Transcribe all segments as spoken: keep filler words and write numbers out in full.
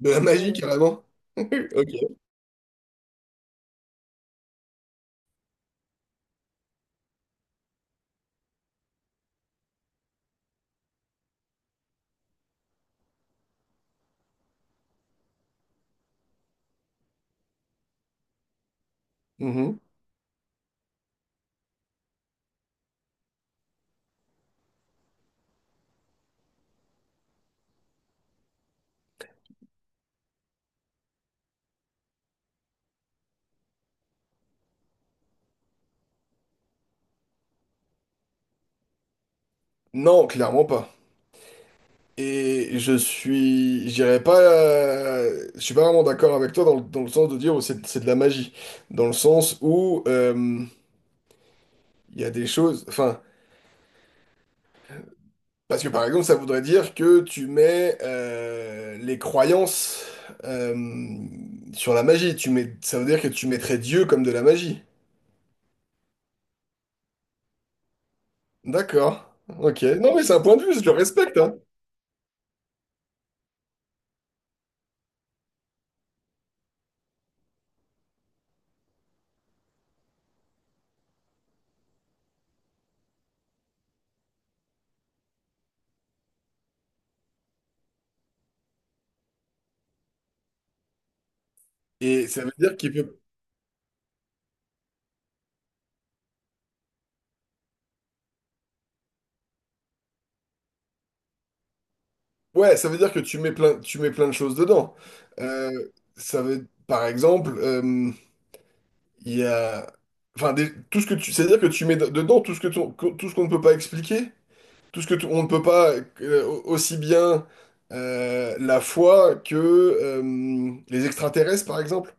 De la magie. Euh, carrément. Ok. Mhm. Non, clairement pas. Et je suis, j'irais pas, euh, je suis pas vraiment d'accord avec toi dans le, dans le sens de dire oh, c'est c'est de la magie. Dans le sens où euh, il y a des choses, enfin, parce que par exemple, ça voudrait dire que tu mets euh, les croyances euh, sur la magie. Tu mets, ça veut dire que tu mettrais Dieu comme de la magie. D'accord. Ok. Non, mais c'est un point de vue, je le respecte, hein. Et ça veut dire qu'il peut. Ouais, ça veut dire que tu mets plein, tu mets plein de choses dedans. Euh, ça veut, par exemple, euh, il y a, enfin, des- tout ce que tu, c'est-à-dire que tu mets de- dedans tout ce que ton- que- tout ce qu'on ne peut pas expliquer, tout ce que t- on ne peut pas euh, aussi bien euh, la foi que euh, les extraterrestres, par exemple.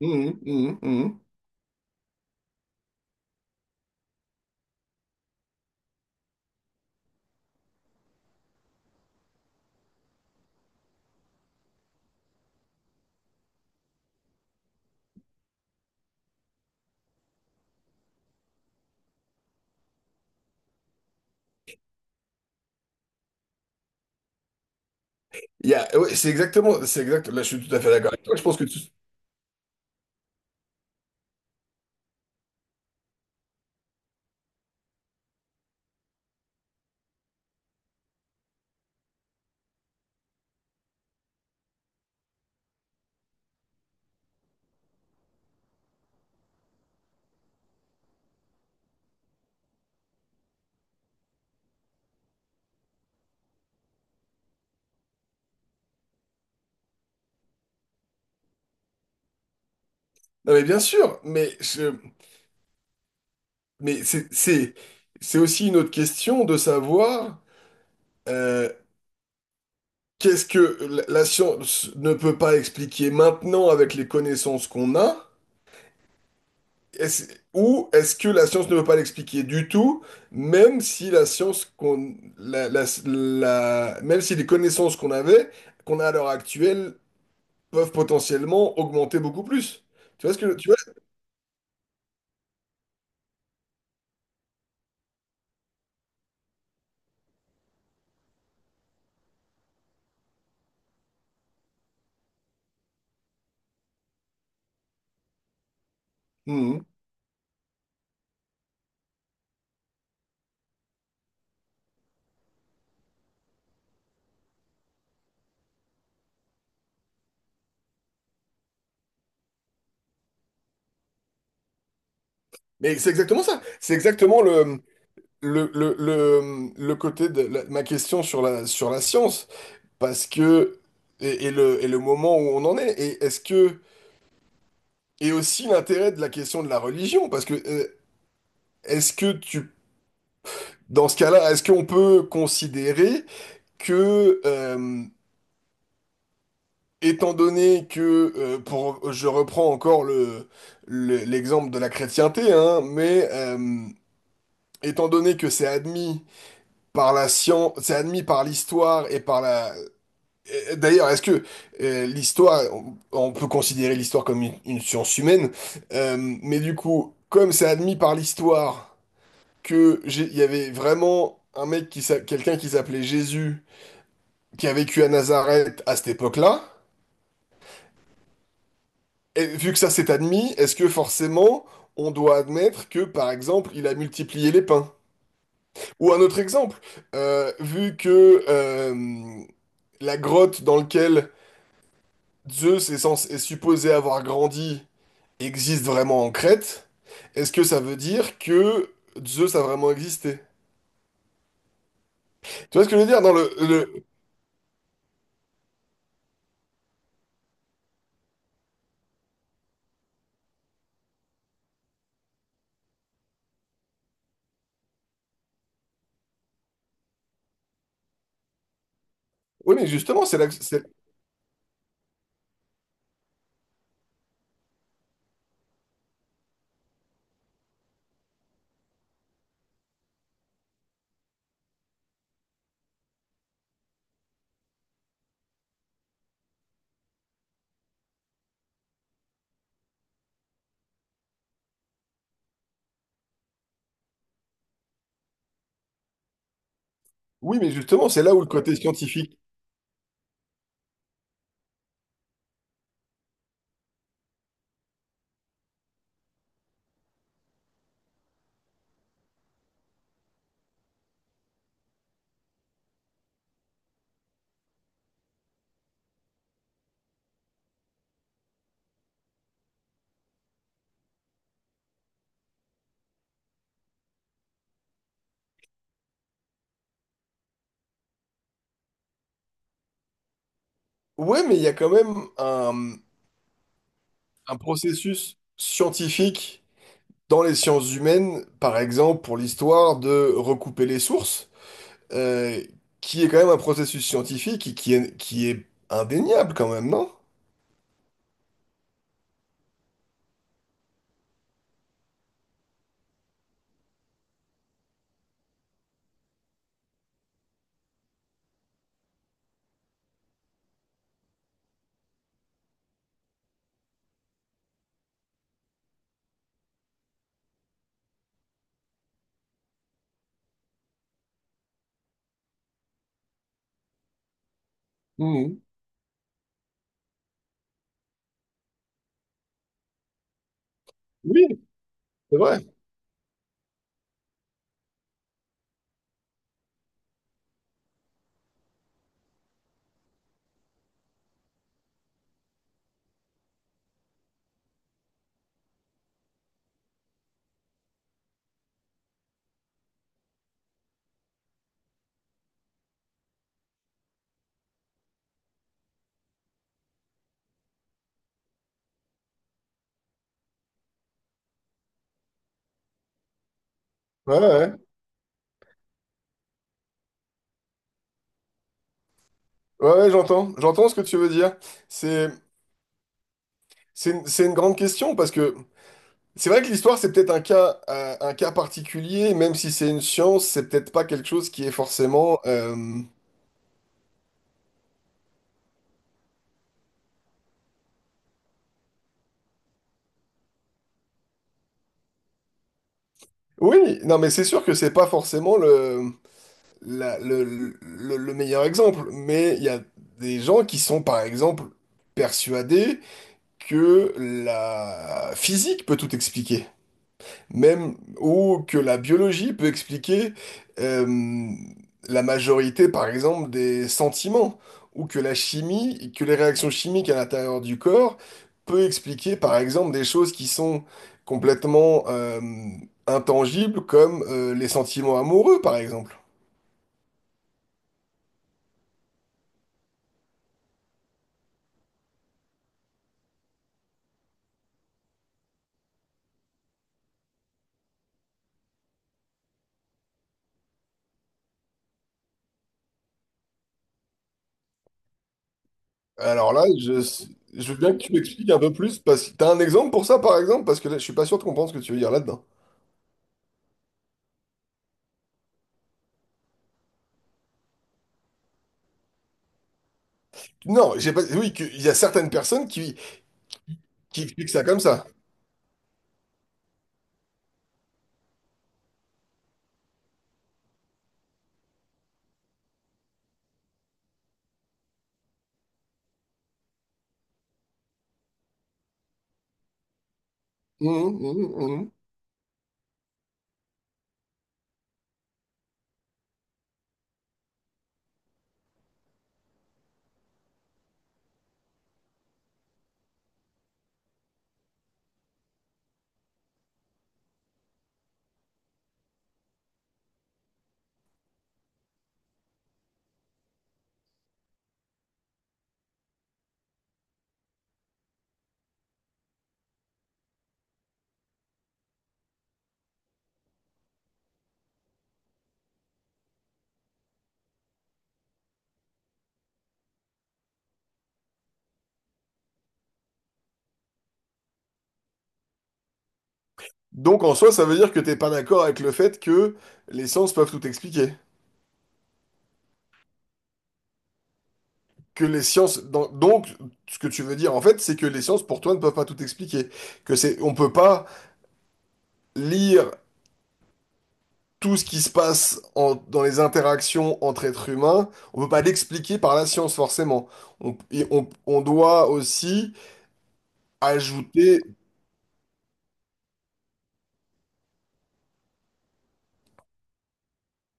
Mhm, mhm, mhm. Il y a, ouais, c'est exactement, c'est exact. Là, je suis tout à fait d'accord avec toi. Je pense que tu- non, mais bien sûr, mais je, mais c'est, c'est, c'est aussi une autre question de savoir. euh, Qu'est-ce que la la science ne peut pas expliquer maintenant avec les connaissances qu'on a? Est-ce- ou est-ce que la science ne peut pas l'expliquer du tout, même si la science qu'on, la- la- la- même si les connaissances qu'on avait, qu'on a à l'heure actuelle, peuvent potentiellement augmenter beaucoup plus? Tu vois ce que, tu vois? Mhm. Mais c'est exactement ça. C'est exactement le, le, le, le, le côté de la ma question sur la, sur la science. Parce que et, et le, et le moment où on en est. Et est-ce que et aussi l'intérêt de la question de la religion, parce que euh, est-ce que tu, dans ce cas-là, est-ce qu'on peut considérer que, euh, étant donné que, euh, pour, je reprends encore le, le- l'exemple de la chrétienté, hein, mais euh, étant donné que c'est admis par la science, c'est admis par l'histoire et par la... et d'ailleurs, est-ce que euh, l'histoire, on, on peut considérer l'histoire comme une, une science humaine, euh, mais du coup, comme c'est admis par l'histoire, que j'ai- il y avait vraiment un mec qui s'a- quelqu'un qui s'appelait Jésus qui a vécu à Nazareth à cette époque-là. Et vu que ça s'est admis, est-ce que forcément on doit admettre que par exemple il a multiplié les pains? Ou un autre exemple, euh, vu que euh, la grotte dans laquelle Zeus est, censé- est supposé avoir grandi existe vraiment en Crète, est-ce que ça veut dire que Zeus a vraiment existé? Tu vois ce que je veux dire dans le, le... Oui, mais justement, c'est là c'est- oui, mais justement, c'est là où le côté scientifique. Ouais, mais il y a quand même un, un processus scientifique dans les sciences humaines, par exemple pour l'histoire de recouper les sources, euh, qui est quand même un processus scientifique et qui est, qui est indéniable quand même, non? Mhm. Oui, c'est vrai. Ouais, ouais, ouais, ouais, ouais, j'entends, j'entends ce que tu veux dire. C'est, c'est, une- c'est une grande question parce que c'est vrai que l'histoire, c'est peut-être un cas, euh, un cas particulier, même si c'est une science, c'est peut-être pas quelque chose qui est forcément. Euh, oui, non, mais c'est sûr que c'est pas forcément le, la- le, le, le meilleur exemple. Mais il y a des gens qui sont, par exemple, persuadés que la physique peut tout expliquer. Même ou que la biologie peut expliquer euh, la majorité, par exemple, des sentiments, ou que la chimie, que les réactions chimiques à l'intérieur du corps peut expliquer, par exemple, des choses qui sont complètement euh, intangibles, comme euh, les sentiments amoureux, par exemple. Alors là, je, je veux bien que tu m'expliques un peu plus, parce que t'as un exemple pour ça, par exemple, parce que là, je suis pas sûr de comprendre ce que tu veux dire là-dedans. Non, j'ai pas, oui, que- il y a certaines personnes qui, qui expliquent ça comme ça. Mhm, mhm, mhm. Donc en soi, ça veut dire que t'es pas d'accord avec le fait que les sciences peuvent tout expliquer. Que les sciences, dans- donc ce que tu veux dire en fait, c'est que les sciences pour toi ne peuvent pas tout expliquer. Que c'est, on peut pas lire tout ce qui se passe en- dans les interactions entre êtres humains. On peut pas l'expliquer par la science forcément. On, et on, on doit aussi ajouter,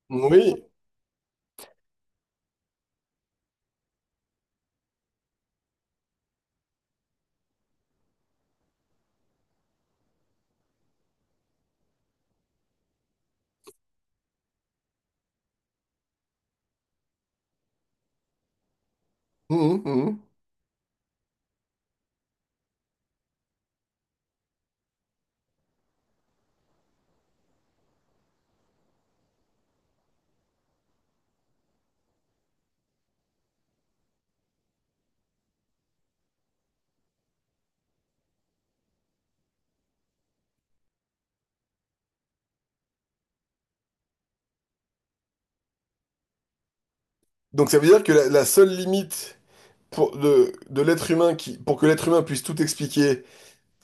oui. Mhm, mhm. Donc ça veut dire que la, la seule limite pour de, de l'être humain qui, pour que l'être humain puisse tout expliquer.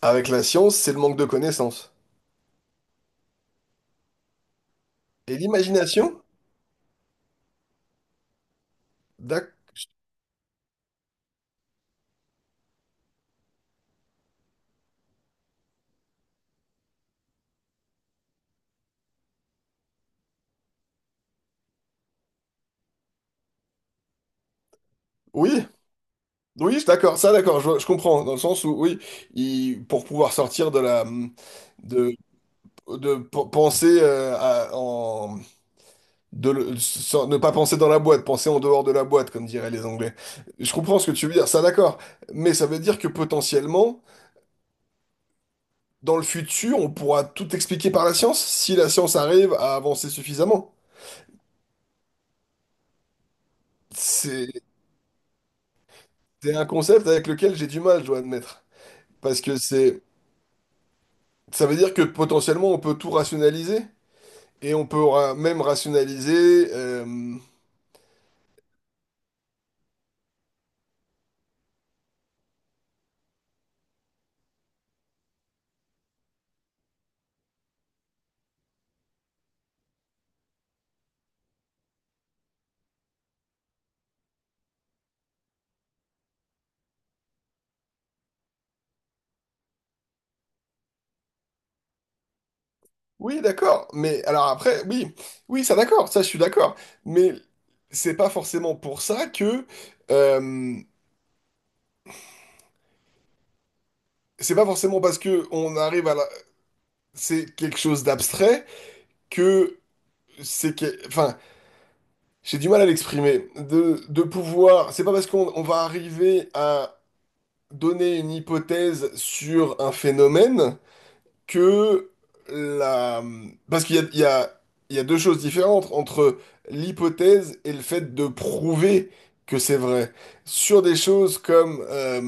Avec la science, c'est le manque de connaissances. Et l'imagination? D'ac- oui, oui, d'accord, ça d'accord, je, je comprends, dans le sens où, oui, il- pour pouvoir sortir de la... de, de p- penser euh, à- en... de le- sans- ne pas penser dans la boîte, penser en dehors de la boîte, comme diraient les Anglais. Je comprends ce que tu veux dire, ça d'accord, mais ça veut dire que potentiellement, dans le futur, on pourra tout expliquer par la science, si la science arrive à avancer suffisamment. C'est c'est un concept avec lequel j'ai du mal, je dois admettre. Parce que c'est, ça veut dire que potentiellement on peut tout rationaliser et on peut ra- même rationaliser. Euh, oui, d'accord. Mais alors après, oui, oui, ça d'accord, ça je suis d'accord. Mais c'est pas forcément pour ça que euh, c'est pas forcément parce que on arrive à la... c'est quelque chose d'abstrait que c'est que... enfin, j'ai du mal à l'exprimer. De, de pouvoir, c'est pas parce qu'on on va arriver à donner une hypothèse sur un phénomène que la... Parce qu'il y a, il y a, il y a deux choses différentes entre l'hypothèse et le fait de prouver que c'est vrai. Sur des choses comme, euh,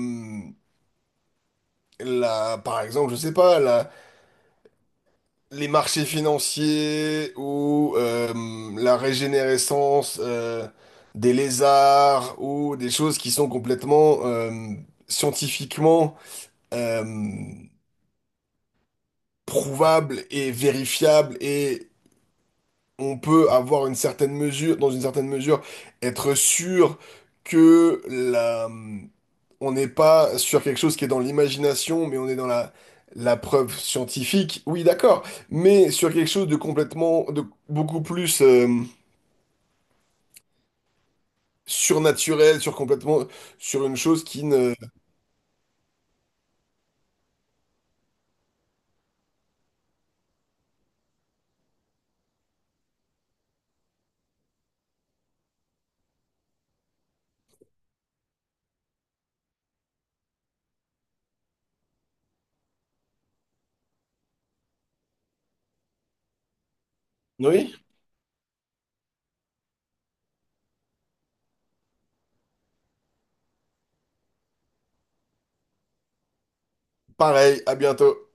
la, par exemple, je sais pas, la, les marchés financiers ou euh, la régénérescence euh, des lézards ou des choses qui sont complètement euh, scientifiquement euh, prouvables et vérifiables et on peut avoir une certaine mesure, dans une certaine mesure, être sûr que la, on n'est pas sur quelque chose qui est dans l'imagination, mais on est dans la, la preuve scientifique. Oui, d'accord, mais sur quelque chose de complètement, de beaucoup plus euh, surnaturel, sur complètement, sur une chose qui ne. Oui, pareil, à bientôt.